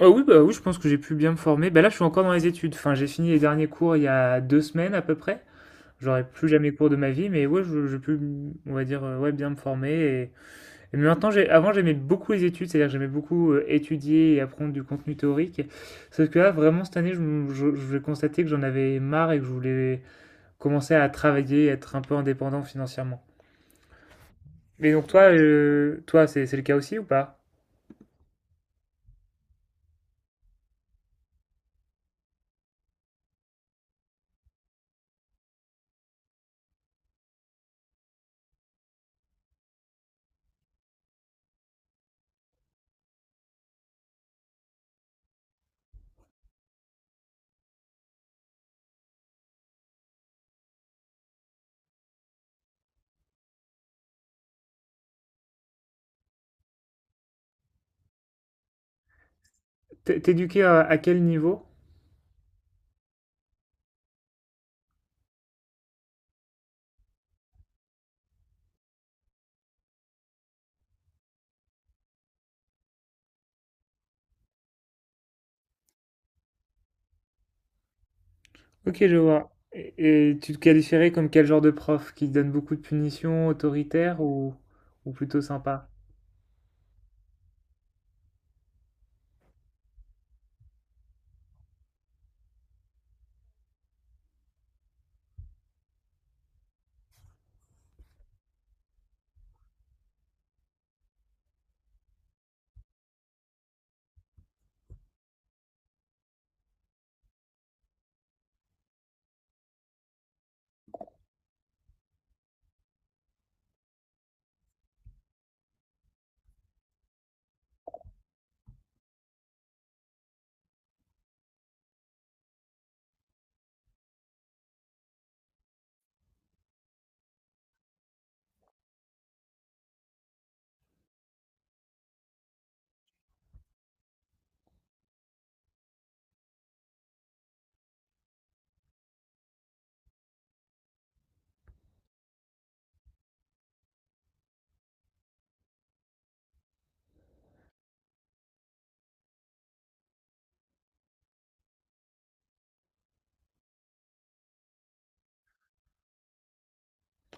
Oui, bah oui, je pense que j'ai pu bien me former. Bah là, je suis encore dans les études. Enfin, j'ai fini les derniers cours il y a deux semaines à peu près. J'aurai plus jamais cours de ma vie, mais ouais, j'ai pu, on va dire, ouais, bien me former. Mais maintenant, avant, j'aimais beaucoup les études, c'est-à-dire que j'aimais beaucoup étudier et apprendre du contenu théorique. Sauf que là, vraiment, cette année, je vais constater que j'en avais marre et que je voulais commencer à travailler, être un peu indépendant financièrement. Et donc, toi, toi, c'est le cas aussi ou pas? T'es éduqué à quel niveau? Ok, je vois. Et tu te qualifierais comme quel genre de prof? Qui donne beaucoup de punitions, autoritaire ou plutôt sympa?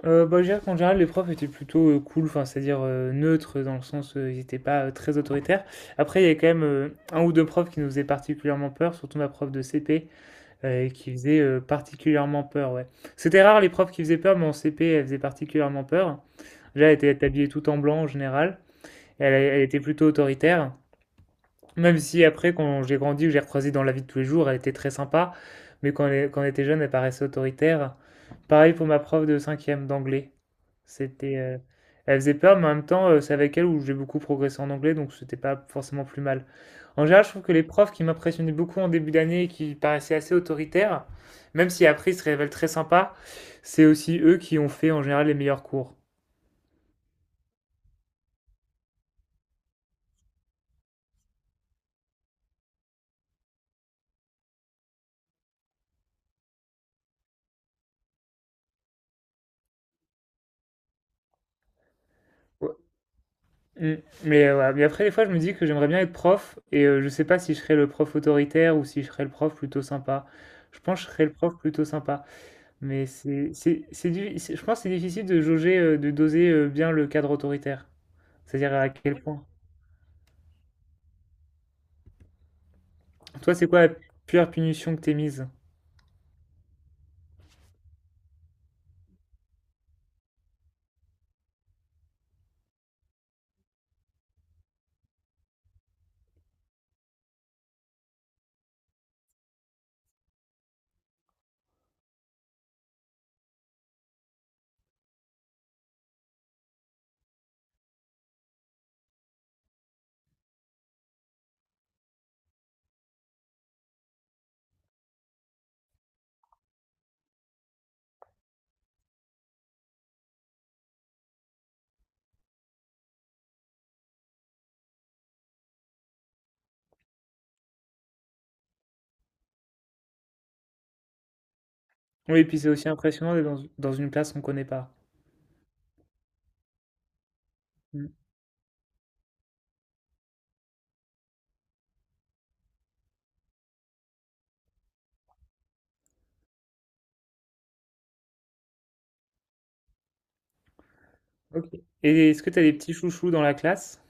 Bah, je dirais qu'en général, les profs étaient plutôt cool, enfin, c'est-à-dire neutres, dans le sens ils n'étaient pas très autoritaires. Après, il y avait quand même un ou deux profs qui nous faisaient particulièrement peur, surtout ma prof de CP, qui faisait particulièrement peur, ouais. C'était rare les profs qui faisaient peur, mais en CP, elle faisait particulièrement peur. Déjà, elle était habillée tout en blanc en général, et elle, elle était plutôt autoritaire. Même si après, quand j'ai grandi, que j'ai recroisé dans la vie de tous les jours, elle était très sympa. Mais quand, quand on était jeune, elle paraissait autoritaire. Pareil pour ma prof de cinquième d'anglais. C'était, elle faisait peur, mais en même temps, c'est avec elle où j'ai beaucoup progressé en anglais, donc c'était pas forcément plus mal. En général, je trouve que les profs qui m'impressionnaient beaucoup en début d'année et qui paraissaient assez autoritaires, même si après ils se révèlent très sympas, c'est aussi eux qui ont fait en général les meilleurs cours. Mm. Mais, voilà. Mais après, des fois, je me dis que j'aimerais bien être prof et je sais pas si je serais le prof autoritaire ou si je serais le prof plutôt sympa. Je pense que je serais le prof plutôt sympa. Mais je pense que c'est difficile de jauger, de doser bien le cadre autoritaire. C'est-à-dire à quel point. Toi, c'est quoi la pure punition que t'es mise? Oui, et puis c'est aussi impressionnant d'être dans une classe qu'on connaît pas. Mm. Ok. Et est-ce que t'as des petits chouchous dans la classe?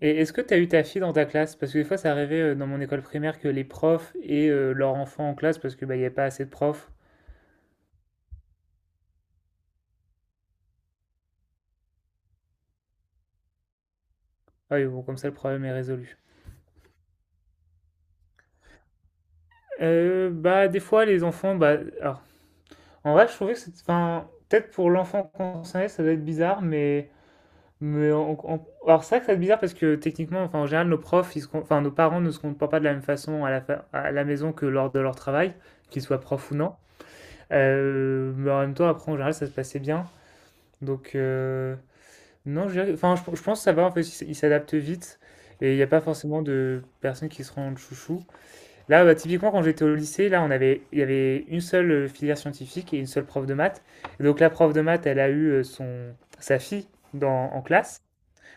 Et est-ce que tu as eu ta fille dans ta classe? Parce que des fois, ça arrivait dans mon école primaire que les profs et leurs enfants en classe, parce que bah, il n'y a pas assez de profs. Ah oui, bon, comme ça, le problème est résolu. Bah, des fois, les enfants, bah, alors, en vrai, je trouvais que c'est, enfin, peut-être pour l'enfant concerné, ça doit être bizarre, mais alors c'est vrai que ça doit être bizarre parce que techniquement, enfin, en général, nos profs, enfin, nos parents ne se comportent pas de la même façon à à la maison que lors de leur travail, qu'ils soient profs ou non. Mais en même temps, après, en général, ça se passait bien. Donc, Non, je, dirais- enfin, je pense que ça va, en fait, ils s'adaptent vite et il n'y a pas forcément de personnes qui se rendent chouchou. Là, bah, typiquement, quand j'étais au lycée, là, il y avait une seule filière scientifique et une seule prof de maths. Et donc, la prof de maths, elle a eu sa fille en classe.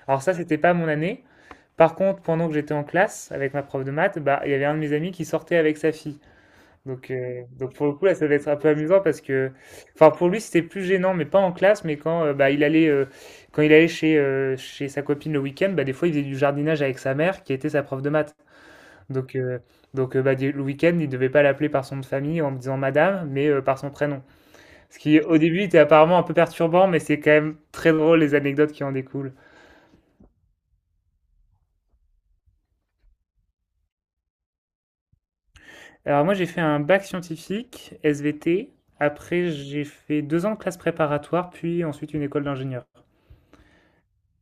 Alors, ça, c'était pas mon année. Par contre, pendant que j'étais en classe avec ma prof de maths, bah, il y avait un de mes amis qui sortait avec sa fille. Donc pour le coup, là, ça va être un peu amusant parce que, enfin, pour lui, c'était plus gênant, mais pas en classe, mais quand quand il allait chez, chez sa copine le week-end, bah, des fois, il faisait du jardinage avec sa mère, qui était sa prof de maths. Donc, euh, donc bah, le week-end, il devait pas l'appeler par son nom de famille en disant madame, mais par son prénom. Ce qui, au début, était apparemment un peu perturbant, mais c'est quand même très drôle les anecdotes qui en découlent. Alors, moi, j'ai fait un bac scientifique, SVT. Après, j'ai fait deux ans de classe préparatoire, puis ensuite une école d'ingénieur.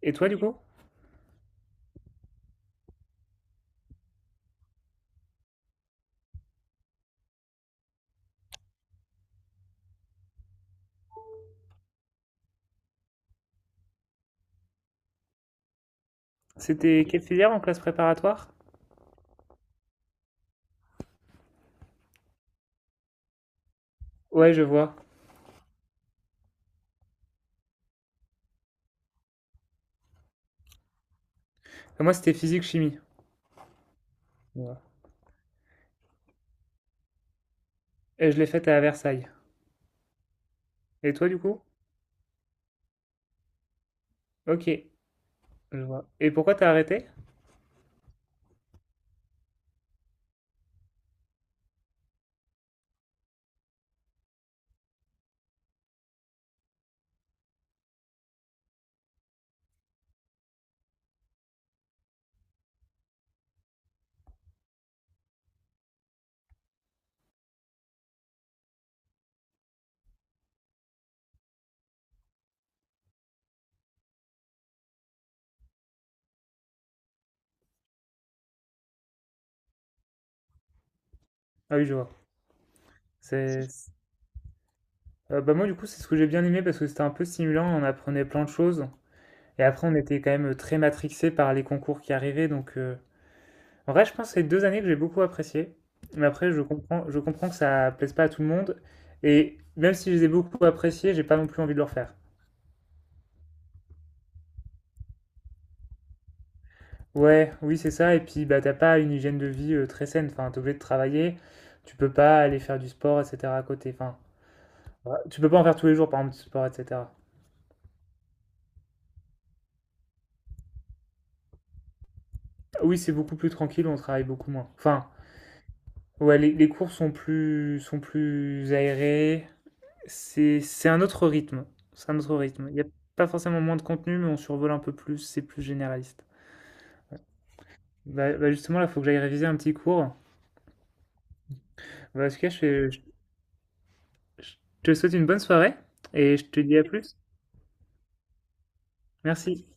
Et toi, du coup? C'était quelle filière en classe préparatoire? Ouais, je vois. Moi, c'était physique-chimie. Ouais. Et je l'ai faite à Versailles. Et toi, du coup? Ok, je vois. Et pourquoi t'as arrêté? Ah oui, je vois. C'est... Bah moi, du coup, c'est ce que j'ai bien aimé parce que c'était un peu stimulant. On apprenait plein de choses. Et après, on était quand même très matrixé par les concours qui arrivaient. Donc, en vrai, je pense que c'est deux années que j'ai beaucoup appréciées. Mais après, je comprends que ça plaise pas à tout le monde. Et même si je les ai beaucoup appréciées, j'ai pas non plus envie de le refaire. Ouais, oui, c'est ça. Et puis, bah, t'as pas une hygiène de vie très saine. Enfin, t'es obligé de travailler. Tu peux pas aller faire du sport, etc. à côté. Enfin, ouais, tu peux pas en faire tous les jours, par exemple, du sport, etc. Oui, c'est beaucoup plus tranquille. On travaille beaucoup moins. Enfin, ouais, les cours sont plus aérés. C'est un autre rythme, c'est un autre rythme. Il y a pas forcément moins de contenu, mais on survole un peu plus, c'est plus généraliste. Justement, là, il faut que j'aille réviser un petit cours. Bah, en tout cas, je te souhaite une bonne soirée et je te dis à plus. Merci.